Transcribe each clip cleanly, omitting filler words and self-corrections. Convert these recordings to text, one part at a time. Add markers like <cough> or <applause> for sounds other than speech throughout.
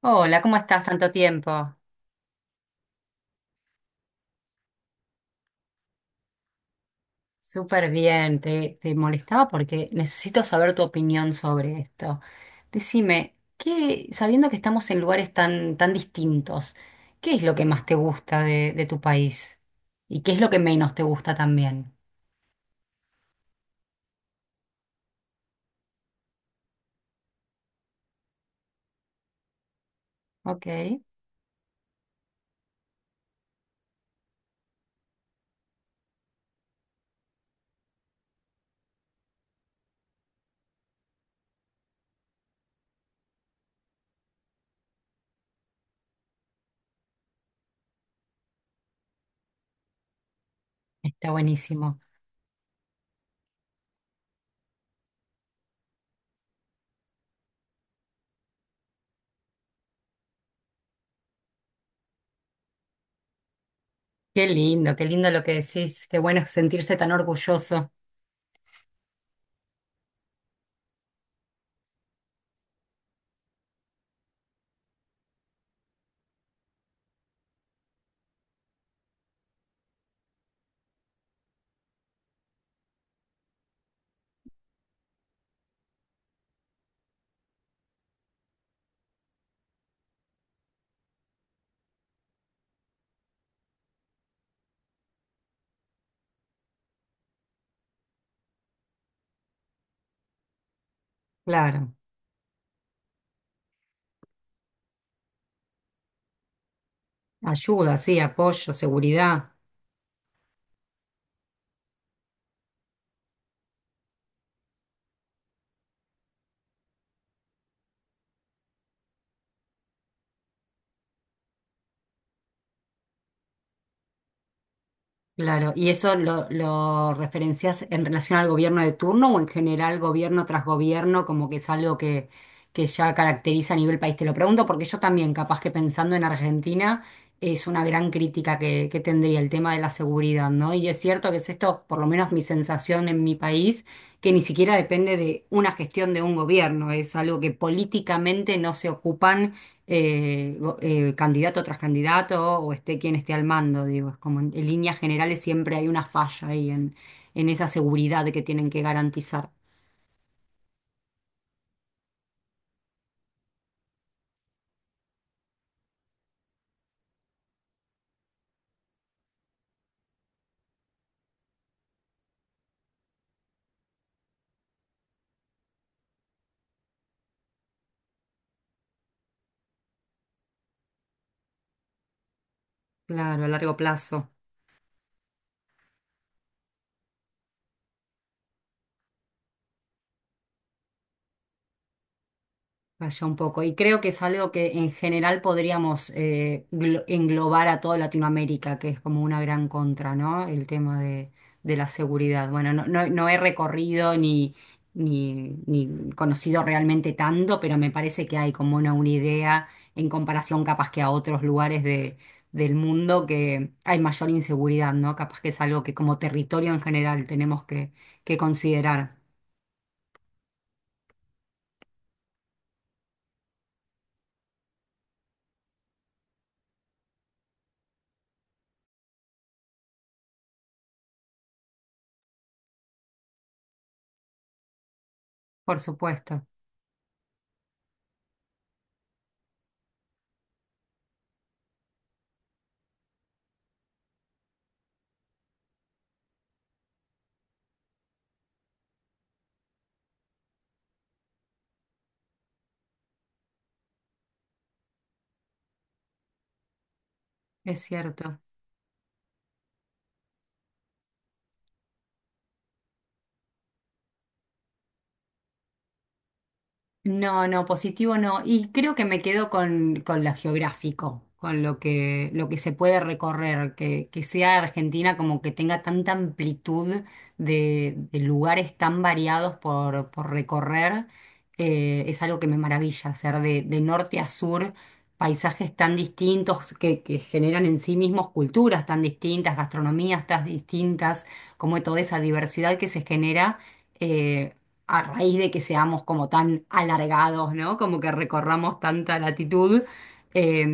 Hola, ¿cómo estás? Tanto tiempo. Súper bien. Te molestaba porque necesito saber tu opinión sobre esto. Decime, sabiendo que estamos en lugares tan distintos, ¿qué es lo que más te gusta de tu país? ¿Y qué es lo que menos te gusta también? Ok, está buenísimo. Qué lindo lo que decís. Qué bueno sentirse tan orgulloso. Claro, ayuda, sí, apoyo, seguridad. Claro, ¿y eso lo referencias en relación al gobierno de turno o en general gobierno tras gobierno, como que es algo que ya caracteriza a nivel país? Te lo pregunto porque yo también, capaz que pensando en Argentina, es una gran crítica que tendría el tema de la seguridad, ¿no? Y es cierto que es esto, por lo menos mi sensación en mi país, que ni siquiera depende de una gestión de un gobierno, es algo que políticamente no se ocupan candidato tras candidato o esté quien esté al mando, digo, es como en líneas generales siempre hay una falla ahí en esa seguridad que tienen que garantizar, claro, a largo plazo. Vaya un poco. Y creo que es algo que en general podríamos englobar a toda Latinoamérica, que es como una gran contra, ¿no? El tema de la seguridad. Bueno, no he recorrido ni conocido realmente tanto, pero me parece que hay como una idea en comparación capaz que a otros lugares del mundo que hay mayor inseguridad, ¿no? Capaz que es algo que como territorio en general tenemos que considerar. Por supuesto, es cierto. No, no, positivo no. Y creo que me quedo con lo geográfico, con lo que se puede recorrer, que sea Argentina como que tenga tanta amplitud de lugares tan variados por recorrer. Es algo que me maravilla, hacer de norte a sur paisajes tan distintos que generan en sí mismos culturas tan distintas, gastronomías tan distintas, como toda esa diversidad que se genera. eh, a raíz de que seamos como tan alargados, ¿no? Como que recorramos tanta latitud. eh,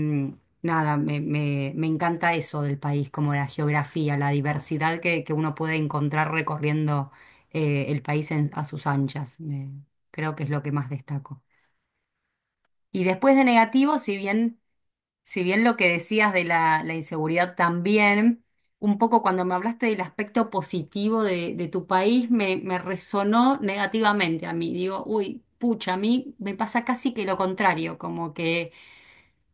Nada, me encanta eso del país, como la geografía, la diversidad que uno puede encontrar recorriendo el país a sus anchas. Creo que es lo que más destaco. Y después de negativo, si bien... Si bien lo que decías de la inseguridad también, un poco cuando me hablaste del aspecto positivo de tu país, me resonó negativamente a mí. Digo, uy, pucha, a mí me pasa casi que lo contrario, como que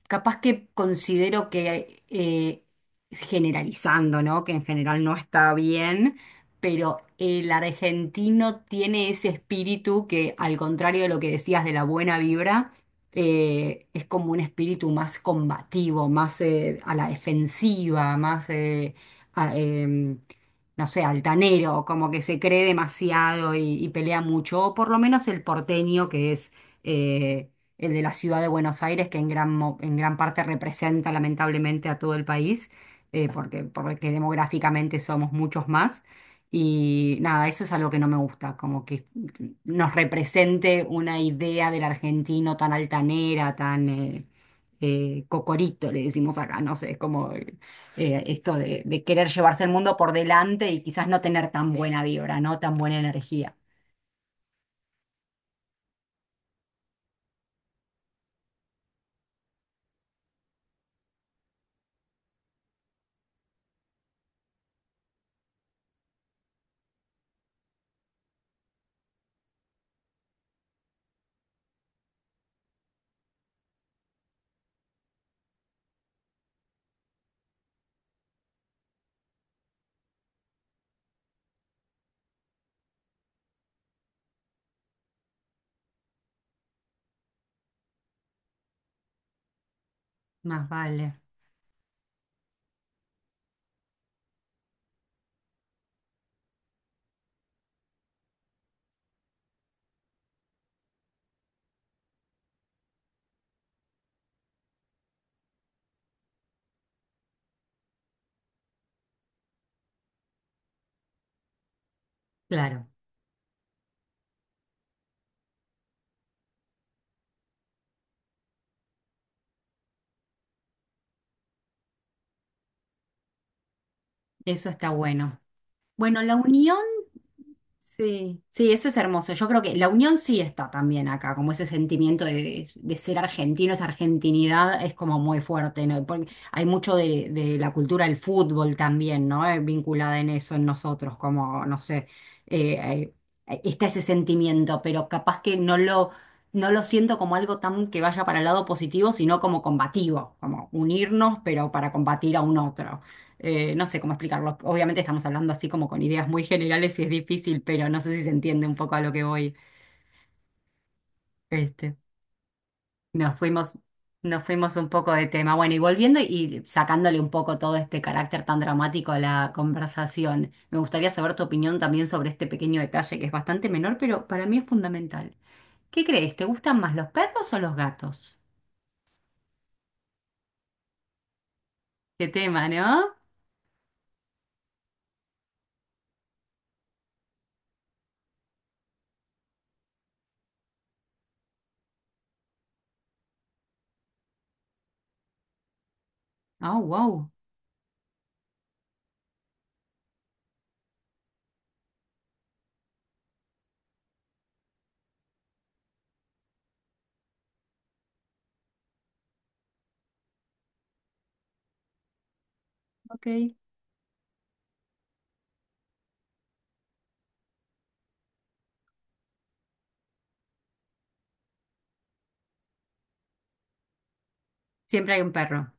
capaz que considero que, generalizando, ¿no? Que en general no está bien, pero el argentino tiene ese espíritu que, al contrario de lo que decías de la buena vibra, es como un espíritu más combativo, más a la defensiva, más, a- em, no sé, altanero, como que se cree demasiado y pelea mucho, o por lo menos el porteño que es... eh, el de la ciudad de Buenos Aires, que en en gran parte representa lamentablemente a todo el país, porque demográficamente somos muchos más. Y nada, eso es algo que no me gusta, como que nos represente una idea del argentino tan altanera, tan cocorito, le decimos acá, no sé, es como esto de querer llevarse el mundo por delante y quizás no tener tan buena vibra, no tan buena energía. Más vale, claro, eso está bueno. Bueno, la unión, sí, sí, eso es hermoso. Yo creo que la unión sí está también acá, como ese sentimiento de ser argentino, esa argentinidad es como muy fuerte, ¿no? Porque hay mucho de la cultura del fútbol también, ¿no? Vinculada en eso, en nosotros, como, no sé, eh, está ese sentimiento, pero capaz que no lo siento como algo tan que vaya para el lado positivo, sino como combativo, como unirnos, pero para combatir a un otro. No sé cómo explicarlo. Obviamente estamos hablando así como con ideas muy generales y es difícil, pero no sé si se entiende un poco a lo que voy. Este, nos fuimos, nos fuimos un poco de tema. Bueno, y volviendo y sacándole un poco todo este carácter tan dramático a la conversación, me gustaría saber tu opinión también sobre este pequeño detalle que es bastante menor, pero para mí es fundamental. ¿Qué crees? ¿Te gustan más los perros o los gatos? Qué tema, ¿no? Oh, wow. Ok. Siempre hay un perro.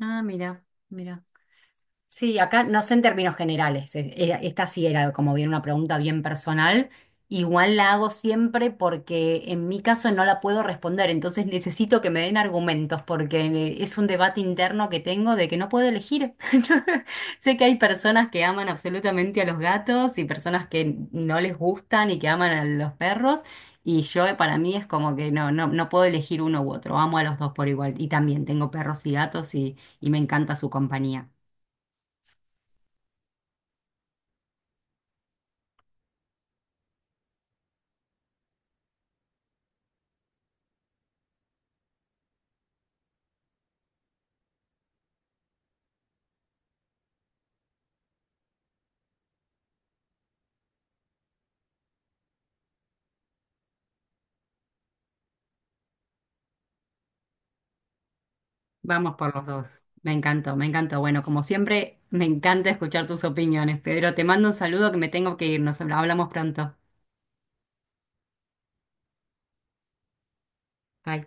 Ah, mira, mira. Sí, acá no sé en términos generales, esta sí era como bien una pregunta bien personal, igual la hago siempre porque en mi caso no la puedo responder, entonces necesito que me den argumentos porque es un debate interno que tengo de que no puedo elegir. <laughs> Sé que hay personas que aman absolutamente a los gatos y personas que no les gustan y que aman a los perros y yo para mí es como que no, no, no puedo elegir uno u otro, amo a los dos por igual y también tengo perros y gatos y me encanta su compañía. Vamos por los dos. Me encantó, me encantó. Bueno, como siempre, me encanta escuchar tus opiniones, Pedro. Te mando un saludo que me tengo que ir. Nos hablamos pronto. Bye.